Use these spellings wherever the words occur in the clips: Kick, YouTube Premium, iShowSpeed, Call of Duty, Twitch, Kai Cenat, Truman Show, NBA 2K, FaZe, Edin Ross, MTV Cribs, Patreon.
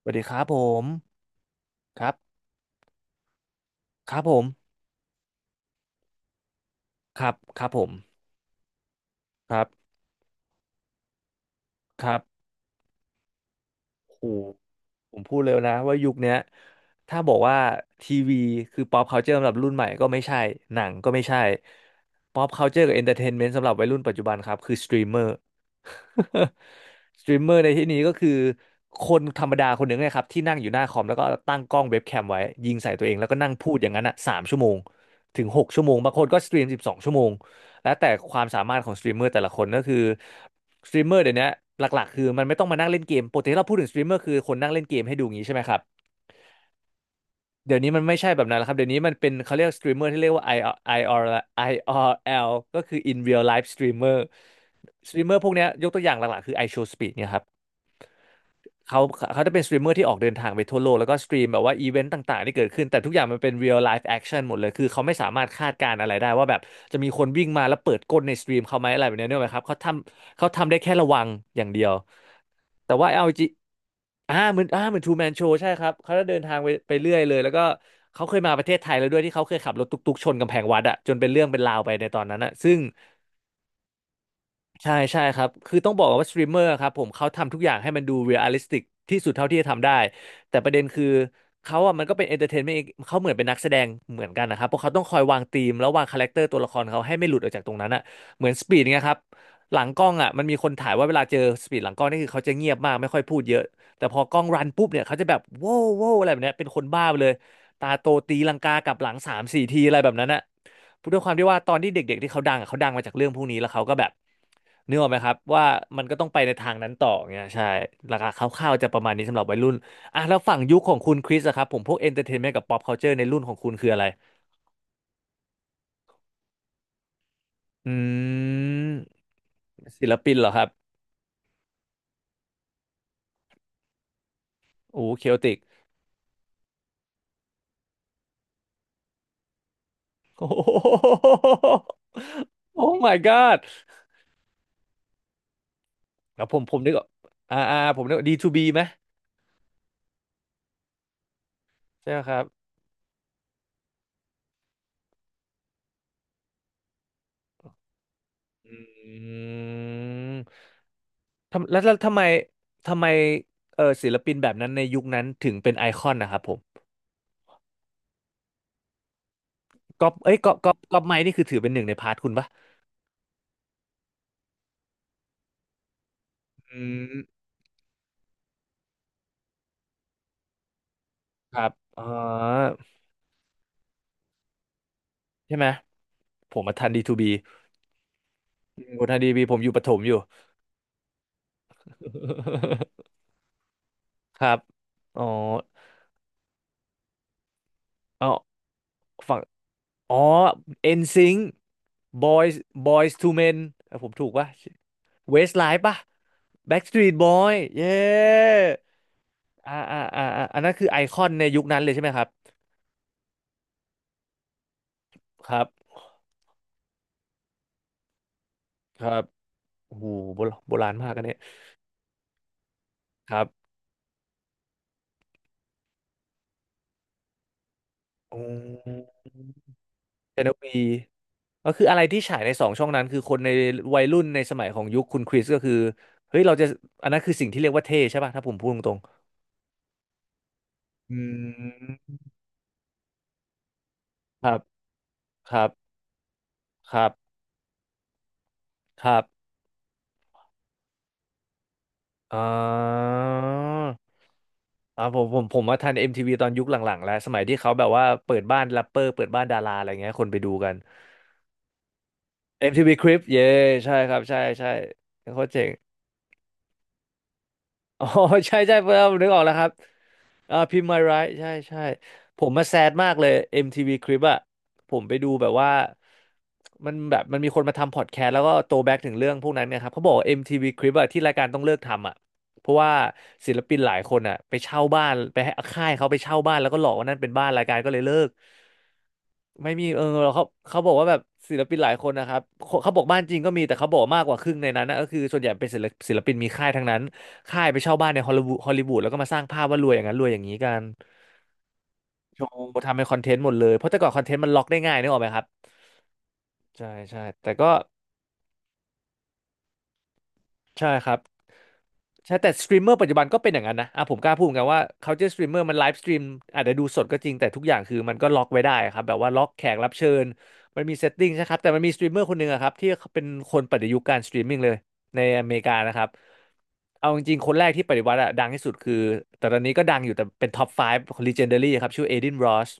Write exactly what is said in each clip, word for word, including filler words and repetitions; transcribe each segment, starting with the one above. สวัสดีครับผมครับครับผมครับครับผมครับครับโหผมพูดเร็วนะว่ายุคเนี้ยถ้าบอกว่าทีวีคือ pop culture สำหรับรุ่นใหม่ก็ไม่ใช่หนังก็ไม่ใช่ pop culture กับ entertainment สำหรับวัยรุ่นปัจจุบันครับคือสตรีมเมอร์ สตรีมเมอร์ ในที่นี้ก็คือคนธรรมดาคนหนึ่งนะครับที่นั่งอยู่หน้าคอมแล้วก็ตั้งกล้องเว็บแคมไว้ยิงใส่ตัวเองแล้วก็นั่งพูดอย่างนั้นอ่ะสามชั่วโมงถึงหกชั่วโมงบางคนก็สตรีมสิบสองชั่วโมง แล้วแต่ความสามารถของสตรีมเมอร์แต่ละคนก็คือสตรีมเมอร์เดี๋ยวนี้หลักๆคือมันไม่ต้องมานั่งเล่นเกมปกติที่เราพูดถึงสตรีมเมอร์คือคนนั่งเล่นเกมให้ดูงี้ใช่ไหมครับเดี๋ยวนี้มันไม่ใช่แบบนั้นแล้วครับเดี๋ยวนี้มันเป็นเขาเรียกสตรีมเมอร์ที่เรียกว่า ไอ อาร์ ไอ อาร์ ไอ อาร์ แอล ก็คือ in real life streamer สตรีมเมอร์พวกเนี้ยยกตัวอย่างหลักๆคือ iShowSpeed เนี่ยครับ เขาเขาจะเป็นสตรีมเมอร์ที่ออกเดินทางไปทั่วโลกแล้วก็สตรีมแบบว่าอีเวนต์ต่างๆที่เกิดขึ้นแต่ทุกอย่างมันเป็น real life action หมดเลยคือเขาไม่สามารถคาดการณ์อะไรได้ว่าแบบจะมีคนวิ่งมาแล้วเปิดก้นในสตรีมเขาไหมอะไรแบบนี้เนี่ยไหมครับเขาทำเขาทำได้แค่ระวังอย่างเดียวแต่ว่า l อลจีอ่าเหมือนอ่าเหมือน True Man Show ใช่ครับเขาจะเดินทางไปไปเรื่อยเลยแล้วก็เขาเคยมาประเทศไทยแล้วด้วยที่เขาเคยขับรถตุ๊กๆชนกำแพงวัดอะจนเป็นเรื่องเป็นราวไปในตอนนั้นอะซึ่ง ใช่ใช่ครับคือต้องบอกว่าสตรีมเมอร์ครับผมเขาทำทุกอย่างให้มันดูเรียลลิสติกที่สุดเท่าที่จะทำได้แต่ประเด็นคือเขาอ่ะมันก็เป็นเอนเตอร์เทนเมนต์เขาเหมือนเป็นนักแสดงเหมือนกันนะครับเพราะเขาต้องคอยวางธีมแล้ววางคาแรคเตอร์ตัวละครเขาให้ไม่หลุดออกจากตรงนั้นอ่ะเหมือนสปีดเงี้ยครับหลังกล้องอ่ะมันมีคนถ่ายว่าเวลาเจอสปีดหลังกล้องนี่คือเขาจะเงียบมากไม่ค่อยพูดเยอะแต่พอกล้องรันปุ๊บเนี่ยเขาจะแบบโว้วโว้วอะไรแบบเนี้ยเป็นคนบ้าไปเลยตาโตตีลังกากลับหลังสามสี่ทีอะไรแบบนั้นอ่ะ ด้วยความที่ว่าตอนที่เด็กๆที่เขาดังอะเขาดังมาจากเรื่องพวกนี้แล้วเขาก็แบบนึกออกไหมครับว่ามันก็ต้องไปในทางนั้นต่อเงี้ยใช่ราคาคร่าวๆจะประมาณนี้สำหรับวัยรุ่นอ่ะแล้วฝั่งยุคของคุณคริสอะครับผมพวกเอนเตอร์เทนเมนต์กับป๊อปคัลเจอร์ในรุ่นของคุณคืออะไรอืมศิลปินเหรอครับโอ้เคโอติกโอ้โห โอ้ my god แล้วผมผมนึกออกอ่าอ่าผมนึกดีทูบีไหมใช่ไหมครับ อืมทำแล้วแล้วทำไมทำไมเออศิลปินแบบนั้นในยุคนั้นถึงเป็นไอคอนนะครับผมก๊อปเอ้ยก๊อปก๊อปก๊อปไมค์นี่คือถือเป็นหนึ่งในพาร์ทคุณปะอืมครับอ๋อใช่ไหมผมมาทันดีทูบีผมทันดีบีผมอยู่ประถมอยู่ ครับอ๋อเอาฝั่ง อ๋อ เอ็น ซิงค์ Boys Boys to Men เอ้ยผมถูกปะ Westlife ปะ Backstreet Boy เย้อ่าอ่าอ่าอ่าอันนั้นคือไอคอนในยุคนั้นเลยใช่ไหมครับครับครับโอ้โหโบราณโบราณมากกันเนี่ยครับอืมเจนวีก็คืออะไรที่ฉายในสองช่องนั้นคือคนในวัยรุ่นในสมัยของยุคคุณคริสก็คือเฮ้ยเราจะอันนั้นคือสิ่งที่เรียกว่าเท่ใช่ป่ะถ้าผมพูดตรงๆอืมครับครับครับครับ อ่ออ๋อผมผมผมมาทัน เอ็ม ที วี ตอนยุคหลังๆแล้วสมัยที่เขาแบบว่าเปิดบ้านแรปเปอร์เปิดบ้านดาราอะไรเงี้ยคนไปดูกัน เอ็ม ที วี Crib เย้ใช่ครับใช่ใช่โคตรเจ๋ง อ๋อ ใช่ใช่เพิ่มนึกออกแล้วครับอ่าพิมพ์มาไรใช่ใช่ผมมาแซดมากเลย เอ็ม ที วี c ล i ปอะผมไปดูแบบว่ามันแบบมันมีคนมาทำพอดแคสต์แล้วก็โตแบ็กถึงเรื่องพวกนั้นเนี่ยครับเขาบอกว่า เอ็ม ที วี c ล i ปอะที่รายการต้องเลิกทำอะเพราะว่าศิลปินหลายคนอะไปเช่าบ้านไปให้ค่ายเขาไปเช่าบ้านแล้วก็หลอกว่านั่นเป็นบ้านรายการก็เลยเลิกไม่มีเออเขาเขาบอกว่าแบบศิลปินหลายคนนะครับเขาเขาบอกบ้านจริงก็มีแต่เขาบอกมากกว่าครึ่งในนั้นนะก็คือส่วนใหญ่เป็นศิลปศิลปินมีค่ายทั้งนั้น ค่ายไปเช่าบ้านในฮอลลีวูดฮอลลีวูดแล้วก็มาสร้างภาพว่ารวยอย่างนั้นรวยอย่างนี้กันโชว์ทำเป็นคอนเทนต์หมดเลยเพราะแต่ก่อนคอนเทนต์มันล็อกได้ง่ายนึกออกไหมครับใช่ใช่แต่ก็ ใช่ครับใช่แต่สตรีมเมอร์ปัจจุบันก็เป็นอย่างนั้นนะอ่ะผมกล้าพูดเหมือนกันว่าเขาจะสตรีมเมอร์มันไลฟ์สตรีมอาจจะดูสดก็จริงแต่ทุกอย่างคือมันก็ล็อกไว้ได้ครับแบบว่าล็อกแขกรับเชิญมันมีเซตติ้งใช่ครับแต่มันมีสตรีมเมอร์คนหนึ่งอะครับที่เป็นคนปฏิยุคการสตรีมมิ่งเลยในอเมริกานะครับเอาจริงๆคนแรกที่ปฏิวัติอะดังที่สุดคือแต่ตอนนี้ก็ดังอยู่แต่เป็นท็อปห้าของ Legendary ครับชื่อเอดินรส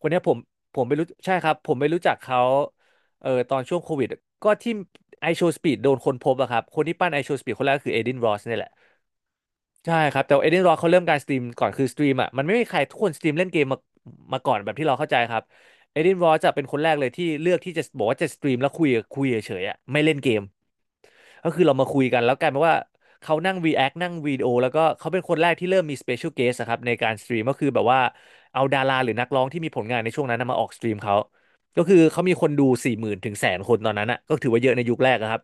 คนเนี้ยผมผมไม่รู้ใช่ครับผมไม่รู้จักเขาเออตอนช่วงโควิดก็ที่ไอโชว์สปีดโดนคนพบอะครับคนที่ปั้นไอโชว์สปีดคนแรกก็คือเอดินรอสเนี่ยแหละใช่ครับแต่เอดินรอสเขาเริ่มการสตรีมก่อนคือสตรีมอะมันไม่มีใครทุกคนสตรีมเล่นเกมมามาก่อนแบบที่เราเข้าใจครับเอดินรอสจะเป็นคนแรกเลยที่เลือกที่จะบอกว่าจะสตรีมแล้วคุยคุยเฉยๆอะไม่เล่นเกม ก็คือเรามาคุยกันแล้วกลายเป็นว่าเขานั่ง react นั่งวิดีโอแล้วก็เขาเป็นคนแรกที่เริ่มมี special guest อะครับในการสตรีมก็คือแบบว่าเอาดาราหรือนักร้องที่มีผลงานในช่วงนั้นนะมาออกสตรีมเขาก็คือเขามีคนดูสี่หมื่นถึงแสนคนตอนนั้นอะก็ถือว่าเยอะในยุคแรกอะครับ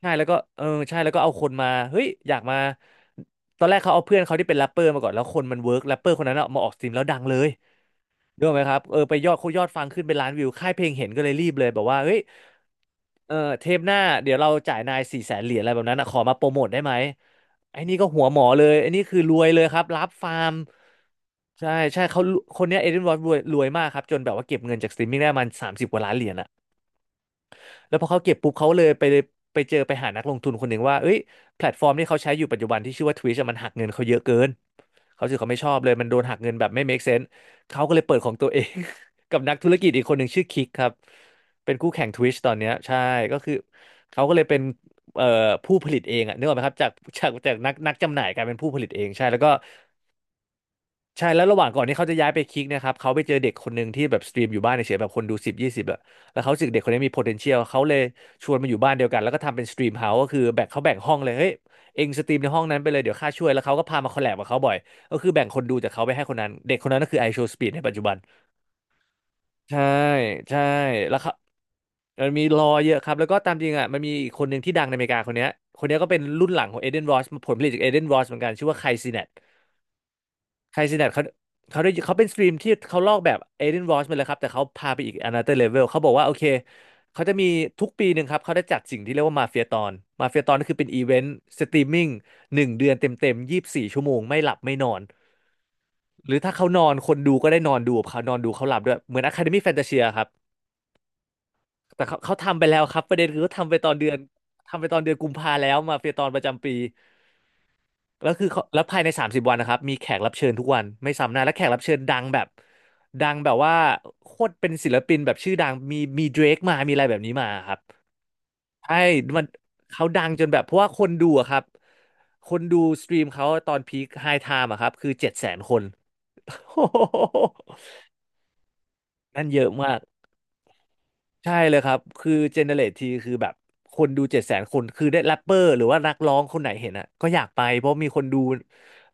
ใช่แล้วก็เออใช่แล้วก็เอาคนมาเฮ้ยอยากมาตอนแรกเขาเอาเพื่อนเขาที่เป็นแรปเปอร์มาก่อนแล้วคนมันเวิร์กแรปเปอร์คนนั้นอะมาออกสตรีมแล้วดังเลย เรื่องไหมครับเออไปยอดเขายอดฟังขึ้นเป็นล้านวิวค่ายเพลงเห็นก็เลยรีบเลยบอกว่าเฮ้ยเออเทปหน้าเดี๋ยวเราจ่ายนายสี่แสนเหรียญอะไรแบบนั้นนะขอมาโปรโมทได้ไหมไอ้นี่ก็หัวหมอเลยไอ้นี่คือรวยเลยครับรับฟาร์มใช่ใช่เขาคนเนี้ยเอเดนวอร์ดรวยรวยมากครับจนแบบว่าเก็บเงินจากสตรีมมิ่งได้ประมาณสามสิบกว่าล้านเหรียญอะแล้วพอเขาเก็บปุ๊บเขาเลยไปไปเจอไปหานักลงทุนคนหนึ่งว่าเอ้ยแพลตฟอร์มที่เขาใช้อยู่ปัจจุบันที่ชื่อว่า Twitch อะมันหักเงินเขาเยอะเกิน เขารู้สึกเขาไม่ชอบเลยมันโดนหักเงินแบบไม่ make sense เขาก็เลยเปิดของตัวเอง กับนักธุรกิจอีกคนหนึ่งชื่อคิกครับเป็นคู่แข่ง Twitch ตอนเนี้ยใช่ก็คือเขาก็เลยเป็นเอ่อผู้ผลิตเองอะนึกออกไหมครับจากจากจากนักนักจำหน่ายกลายเป็นผู้ผลิตเองใช่แล้วก็ ใช่แล้วระหว่างก่อนที่เขาจะย้ายไปคิกเนะครับเขาไปเจอเด็กคนหนึ่งที่แบบสตรีมอยู่บ้านเฉยๆแบบคนดูสิบยี่สิบอะแล้วเขารู้สึกเด็กคนนี้มี potential เขาเลยชวนมาอยู่บ้านเดียวกันแล้วก็ทำเป็นสตรีมเฮาส์ก็คือแบ่งเขาแบ่งห้องเลยเฮ้ยเองสตรีมในห้องนั้นไปเลยเดี๋ยวข้าช่วยแล้วเขาก็พามาคอลแลบกับเขาบ่อยก็คือแบ่งคนดูจากเขาไปให้คนนั้นเด็กคนนั้นก็คือไอโชว์สปีดในปัจจุบันใช่ใช่แล้วเขามันมีรอเยอะครับแล้วก็ตามจริงอ่ะมันมีอีกคนหนึ่งที่ดังในอเมริกาคนเนี้ยคนเนี้ยก็เป็นรุ่นหลังของเอเดนรอสผลผลิตจากเอเดนรอสเหมือนกันชื่อว่าไคซเนต ไคซินัทเขาเขาได้เขาเป็นสตรีมที่เขาลอกแบบเอเดนวอชมาเลยครับแต่เขาพาไปอีก another level เขาบอกว่าโอเคเขาจะมีทุกปีหนึ่งครับเขาได้จัดสิ่งที่เรียกว่ามาเฟียตอนมาเฟียตอนก็คือเป็นอีเวนต์สตรีมมิ่งหนึ่งเดือนเต็มเต็มยี่สิบสี่ชั่วโมงไม่หลับไม่นอนหรือถ้าเขานอนคนดูก็ได้นอนดูกับเขานอนดูเขาหลับด้วยเหมือน Academy Fantasia ครับแต่เขาเขาทำไปแล้วครับประเด็นคือเขาทำไปตอนเดือนทำไปตอนเดือนกุมภาแล้วมาเฟียตอนประจำปี แล้วคือเขาแล้วภายในสามสิบวันนะครับมีแขกรับเชิญทุกวันไม่ซ้ำหน้าและแขกรับเชิญดังแบบดังแบบว่าโคตรเป็นศิลปินแบบชื่อดังมีมีเดรกมามีอะไรแบบนี้มาครับใช่มันเขาดังจนแบบเพราะว่าคนดูอะครับคนดูสตรีมเขาตอนพีคไฮไทม์อะครับคือเจ็ดแสนคน นั่นเยอะมาก ใช่เลยครับ คือเจเนเรตทีคือแบบคนดูเจ็ดแสนคน คือได้แรปเปอร์หรือว่านักร้องคนไหนเห็นอ่ะก็อยากไปเพราะมีคนดู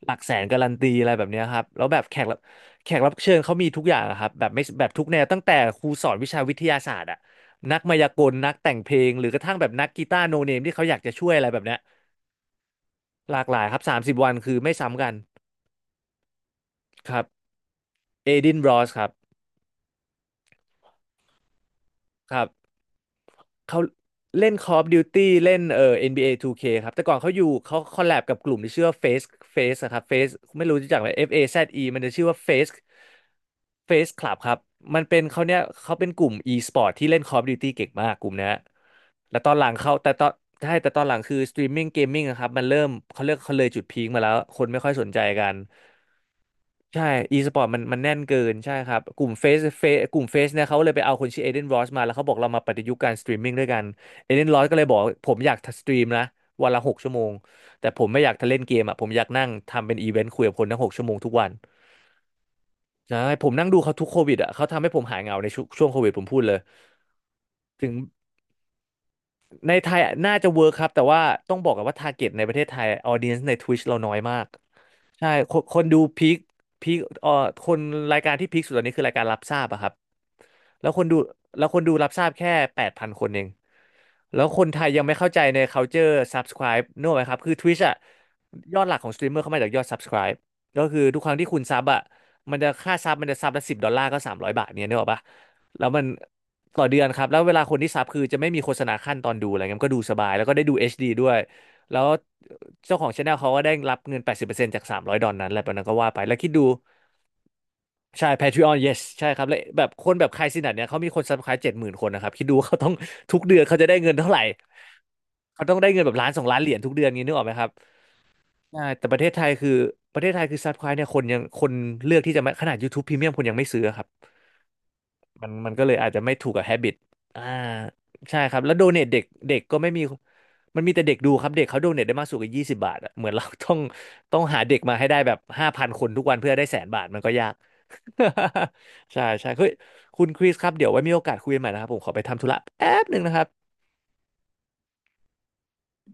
หลักแสนการันตีอะไรแบบเนี้ยครับ แล้วแบบแขกรับแขกรับเชิญเขามีทุกอย่างอะครับแบบไม่แบบทุกแนวตั้งแต่ครูสอนวิชาวิทยาศาสตร์อ่ะนักมายากลนักแต่งเพลงหรือกระทั่งแบบนักกีตาร์โนเนมที่เขาอยากจะช่วยอะไรแบบเนี้ยหลากหลายครับสามสิบวันคือไม่ซ้ำกันครับเอดินบรอสครับครับ เขาเล่น Call of Duty เล่นเอ่อ เอ็น บี เอ ทู เค คครับแต่ก่อนเขาอยู่เขาคอลแลบกับกลุ่มที่ชื่อว่า Face Face อะครับ Face ไม่รู้รู้จักไหม F A Z E มันจะชื่อว่า Face Face Club ครับมันเป็นเขาเนี้ยเขาเป็นกลุ่ม e-sport ที่เล่น Call of Duty เก่งมากกลุ่มเนี้ยแล้วตอนหลังเขาแต่ตอนใช่แต่ตอนหลังคือ streaming gaming อะครับมันเริ่มเขาเรียกเขาเลยจุดพีคมาแล้วคนไม่ค่อยสนใจกัน ใช่อีสปอร์ตมันมันแน่นเกินใช่ครับกลุ่มเฟสเฟสกลุ่มเฟสเนี่ยเขาเลยไปเอาคนชื่อเอเดนรอสมาแล้วเขาบอกเรามาปฏิยุกต์การสตรีมมิ่งด้วยกันเอเดนรอสก็เลยบอกผมอยากสตรีมนะวันละหกชั่วโมงแต่ผมไม่อยากทะเล่นเกมอ่ะผมอยากนั่งทำเป็นอีเวนต์คุยกับคนทั้งหกชั่วโมงทุกวันใช่ผมนั่งดูเขาทุกโควิดอ่ะเขาทำให้ผมหายเหงาในช่วงช่วงโควิดผมพูดเลยถึงในไทยน่าจะเวิร์คครับแต่ว่าต้องบอกกันว่าทาร์เก็ตในประเทศไทยออเดียนใน Twitch เราน้อยมากใช่คนคนดูพีคพีคเอ่อคนรายการที่พีคสุดตอนนี้คือรายการรับทราบอะครับ แล้วคนดูแล้วคนดูรับทราบแค่แปดพันคนเอง แล้วคนไทยยังไม่เข้าใจใน culture subscribe นึกออกไหมครับ คือ Twitch อะยอดหลักของสตรีมเมอร์เข้ามาจากยอด subscribe ก็คือทุกครั้งที่คุณซับอะมันจะค่าซับมันจะซับละสิบดอลลาร์ก็สามร้อยบาทเนี่ยนึกออกปะแล้วมันต่อเดือนครับ แล้วเวลาคนที่ซับคือจะไม่มีโฆษณาขั้นตอนดูอะไรเงี้ยมันก็ดูสบายแล้วก็ได้ดู เอช ดี ดด้วย แล้วเจ้าของช anel เขาก็ได้รับเงินแปดสิบเปอร์เซ็นต์จากสามร้อยดอลนั้นแหละตอนนั้นก็ว่าไปแล้วคิดดู ใช่ Patreon yes ใช่ครับและแบบคนแบบคายซินัทเนี่ยเขามีคนซับ s c ค i b e เจ็ดหมื่นคนนะครับคิดดูว่าเขาต้อง ทุกเดือนเขาจะได้เงินเท่าไหร่เขาต้องได้เงินแบบล้านสองล้านเหรียญทุกเดือนงี้นึกออกไหมครับใช่แต่ประเทศไทยคือประเทศไทยคือซับครต์เนี่ยคนยังคนเลือกที่จะไม่ขนาด YouTube Premium คนยังไม่ซื้อครับ มันมันก็เลยอาจจะไม่ถูกกับ habit อ่าใช่ครับ แล้วโดเนทเด็กเด็กก็ไม่มี มันมีแต่เด็กดูครับ เด็กเขาโดเนทได้มากสุดกับยี่สิบบาทอะเหมือนเราต้องต้องหาเด็กมาให้ได้แบบห้าพันคนทุกวันเพื่อได้แสนบาทมันก็ยาก ใช่ใช่เฮ้ยคุณคริสครับเดี๋ยวไว้มีโอกาสคุยกันใหม่นะครับผมขอไปทำธุระแป๊บหนึ่งนะครับ